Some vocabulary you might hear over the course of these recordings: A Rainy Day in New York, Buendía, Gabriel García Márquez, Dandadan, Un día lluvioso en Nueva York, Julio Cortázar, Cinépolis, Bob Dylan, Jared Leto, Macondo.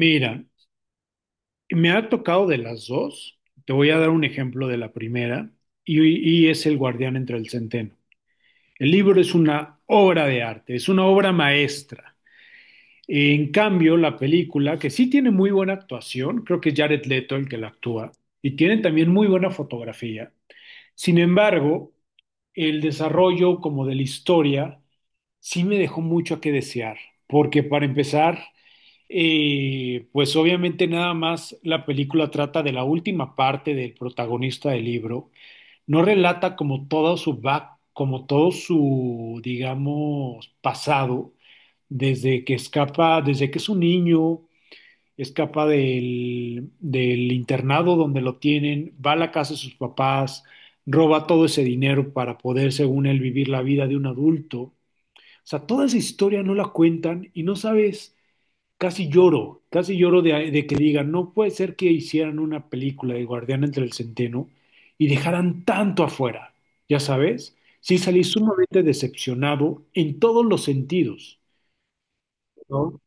Mira, me ha tocado de las dos. Te voy a dar un ejemplo de la primera y es El guardián entre el centeno. El libro es una obra de arte, es una obra maestra. En cambio, la película, que sí tiene muy buena actuación, creo que es Jared Leto el que la actúa, y tiene también muy buena fotografía. Sin embargo, el desarrollo como de la historia sí me dejó mucho a que desear, porque para empezar, y pues obviamente nada más la película trata de la última parte del protagonista del libro. No relata como todo su back, como todo su, digamos, pasado, desde que escapa, desde que es un niño, escapa del internado donde lo tienen, va a la casa de sus papás, roba todo ese dinero para poder, según él, vivir la vida de un adulto. O sea, toda esa historia no la cuentan y no sabes, casi lloro de que digan, no puede ser que hicieran una película de Guardián entre el Centeno y dejaran tanto afuera, ya sabes. Sí salí sumamente decepcionado en todos los sentidos, ¿no?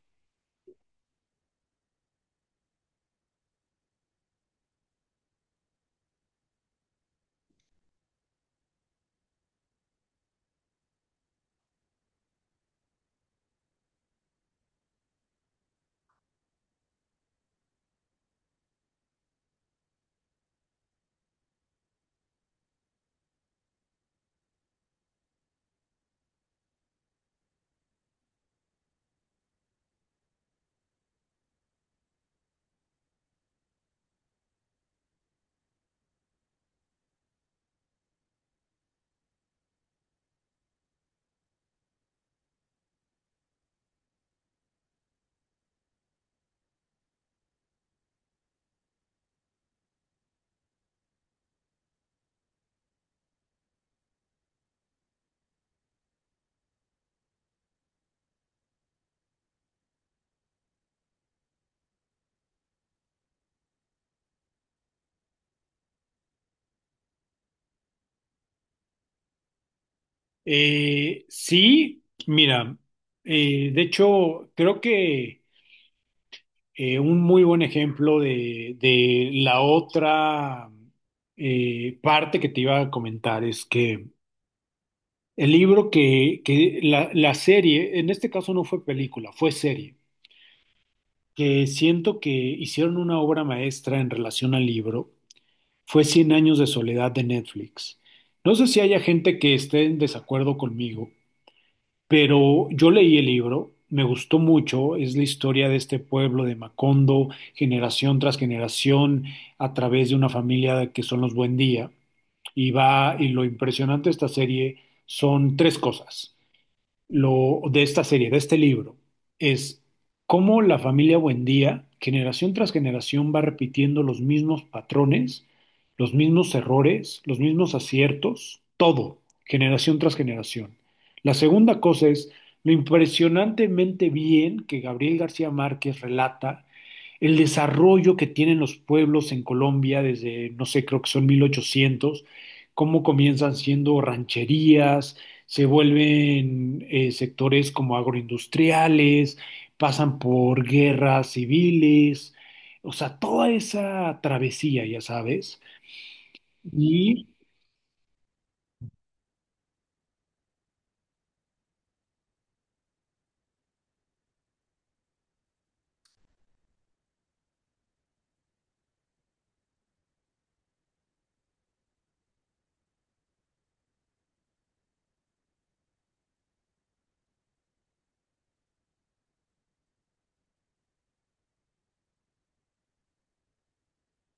Sí, mira, de hecho, creo que un muy buen ejemplo de la otra parte que te iba a comentar es que el libro que la serie, en este caso no fue película, fue serie, que siento que hicieron una obra maestra en relación al libro, fue Cien años de soledad de Netflix. No sé si haya gente que esté en desacuerdo conmigo, pero yo leí el libro, me gustó mucho, es la historia de este pueblo de Macondo, generación tras generación, a través de una familia que son los Buendía, y va, y lo impresionante de esta serie son tres cosas, lo de esta serie, de este libro, es cómo la familia Buendía, generación tras generación, va repitiendo los mismos patrones, los mismos errores, los mismos aciertos, todo, generación tras generación. La segunda cosa es lo impresionantemente bien que Gabriel García Márquez relata el desarrollo que tienen los pueblos en Colombia desde, no sé, creo que son 1800, cómo comienzan siendo rancherías, se vuelven sectores como agroindustriales, pasan por guerras civiles, o sea, toda esa travesía, ya sabes, y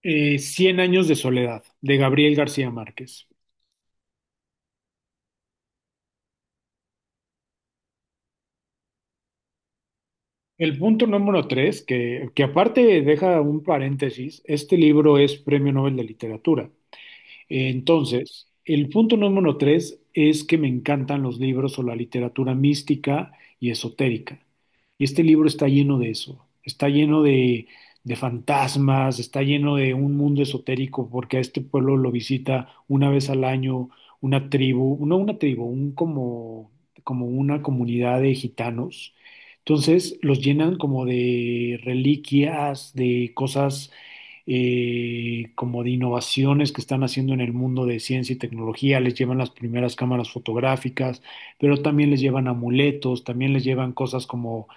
Cien años de soledad, de Gabriel García Márquez. El punto número tres, que aparte deja un paréntesis, este libro es Premio Nobel de Literatura. Entonces, el punto número tres es que me encantan los libros o la literatura mística y esotérica. Y este libro está lleno de eso, está lleno de fantasmas, está lleno de un mundo esotérico, porque a este pueblo lo visita una vez al año una tribu, no una tribu, un como, como una comunidad de gitanos. Entonces los llenan como de reliquias, de cosas, como de innovaciones que están haciendo en el mundo de ciencia y tecnología, les llevan las primeras cámaras fotográficas, pero también les llevan amuletos, también les llevan cosas como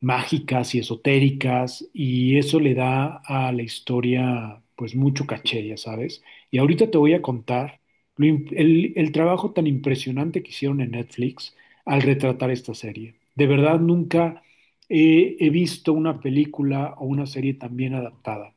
mágicas y esotéricas, y eso le da a la historia pues mucho caché, ya sabes. Y ahorita te voy a contar el trabajo tan impresionante que hicieron en Netflix al retratar esta serie. De verdad, nunca he visto una película o una serie tan bien adaptada.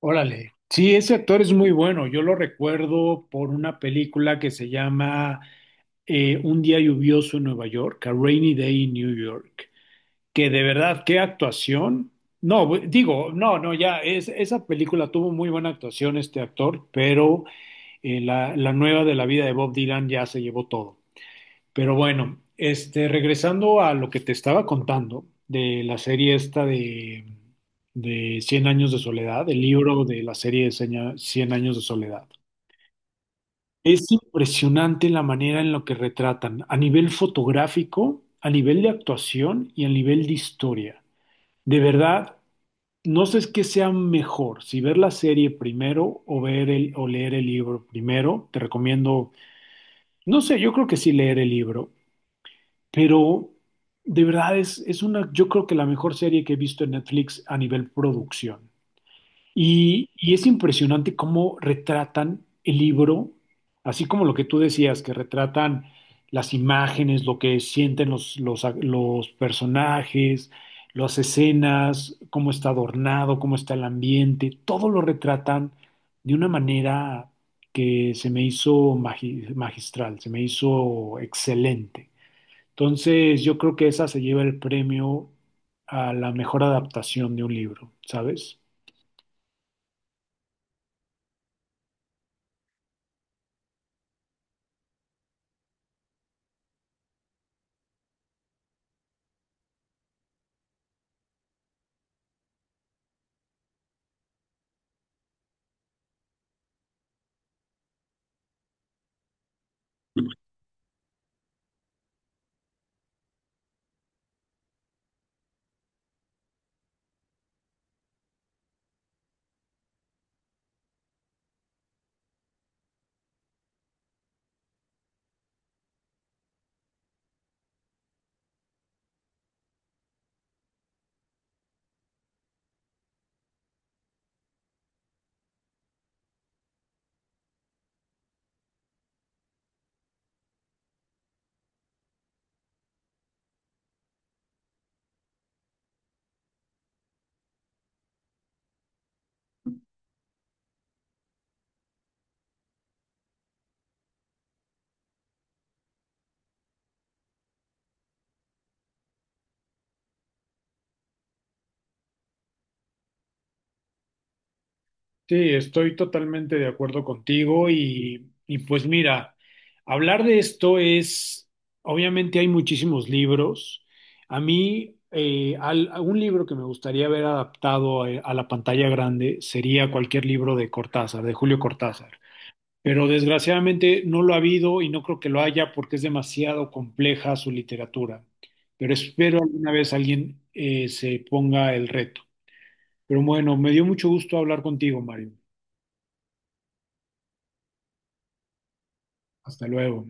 Órale. Sí, ese actor es muy bueno. Yo lo recuerdo por una película que se llama Un día lluvioso en Nueva York, A Rainy Day in New York, que de verdad, qué actuación. No, digo, no, no, ya, esa película tuvo muy buena actuación este actor, pero la nueva de la vida de Bob Dylan ya se llevó todo. Pero bueno, este, regresando a lo que te estaba contando de la serie esta de 100 años de soledad, el libro de la serie de 100 años de soledad. Es impresionante la manera en la que retratan, a nivel fotográfico, a nivel de actuación y a nivel de historia. De verdad, no sé es qué sea mejor, si ver la serie primero o o leer el libro primero. Te recomiendo, no sé, yo creo que sí leer el libro. Pero de verdad es, una, yo creo que la mejor serie que he visto en Netflix a nivel producción. Y es impresionante cómo retratan el libro, así como lo que tú decías, que retratan las imágenes, lo que sienten los personajes, las escenas, cómo está adornado, cómo está el ambiente, todo lo retratan de una manera que se me hizo magistral, se me hizo excelente. Entonces, yo creo que esa se lleva el premio a la mejor adaptación de un libro, ¿sabes? Sí, estoy totalmente de acuerdo contigo y pues mira, hablar de esto es, obviamente hay muchísimos libros. A mí, a un libro que me gustaría ver adaptado a la pantalla grande sería cualquier libro de Cortázar, de Julio Cortázar. Pero desgraciadamente no lo ha habido y no creo que lo haya porque es demasiado compleja su literatura. Pero espero alguna vez alguien se ponga el reto. Pero bueno, me dio mucho gusto hablar contigo, Mario. Hasta luego.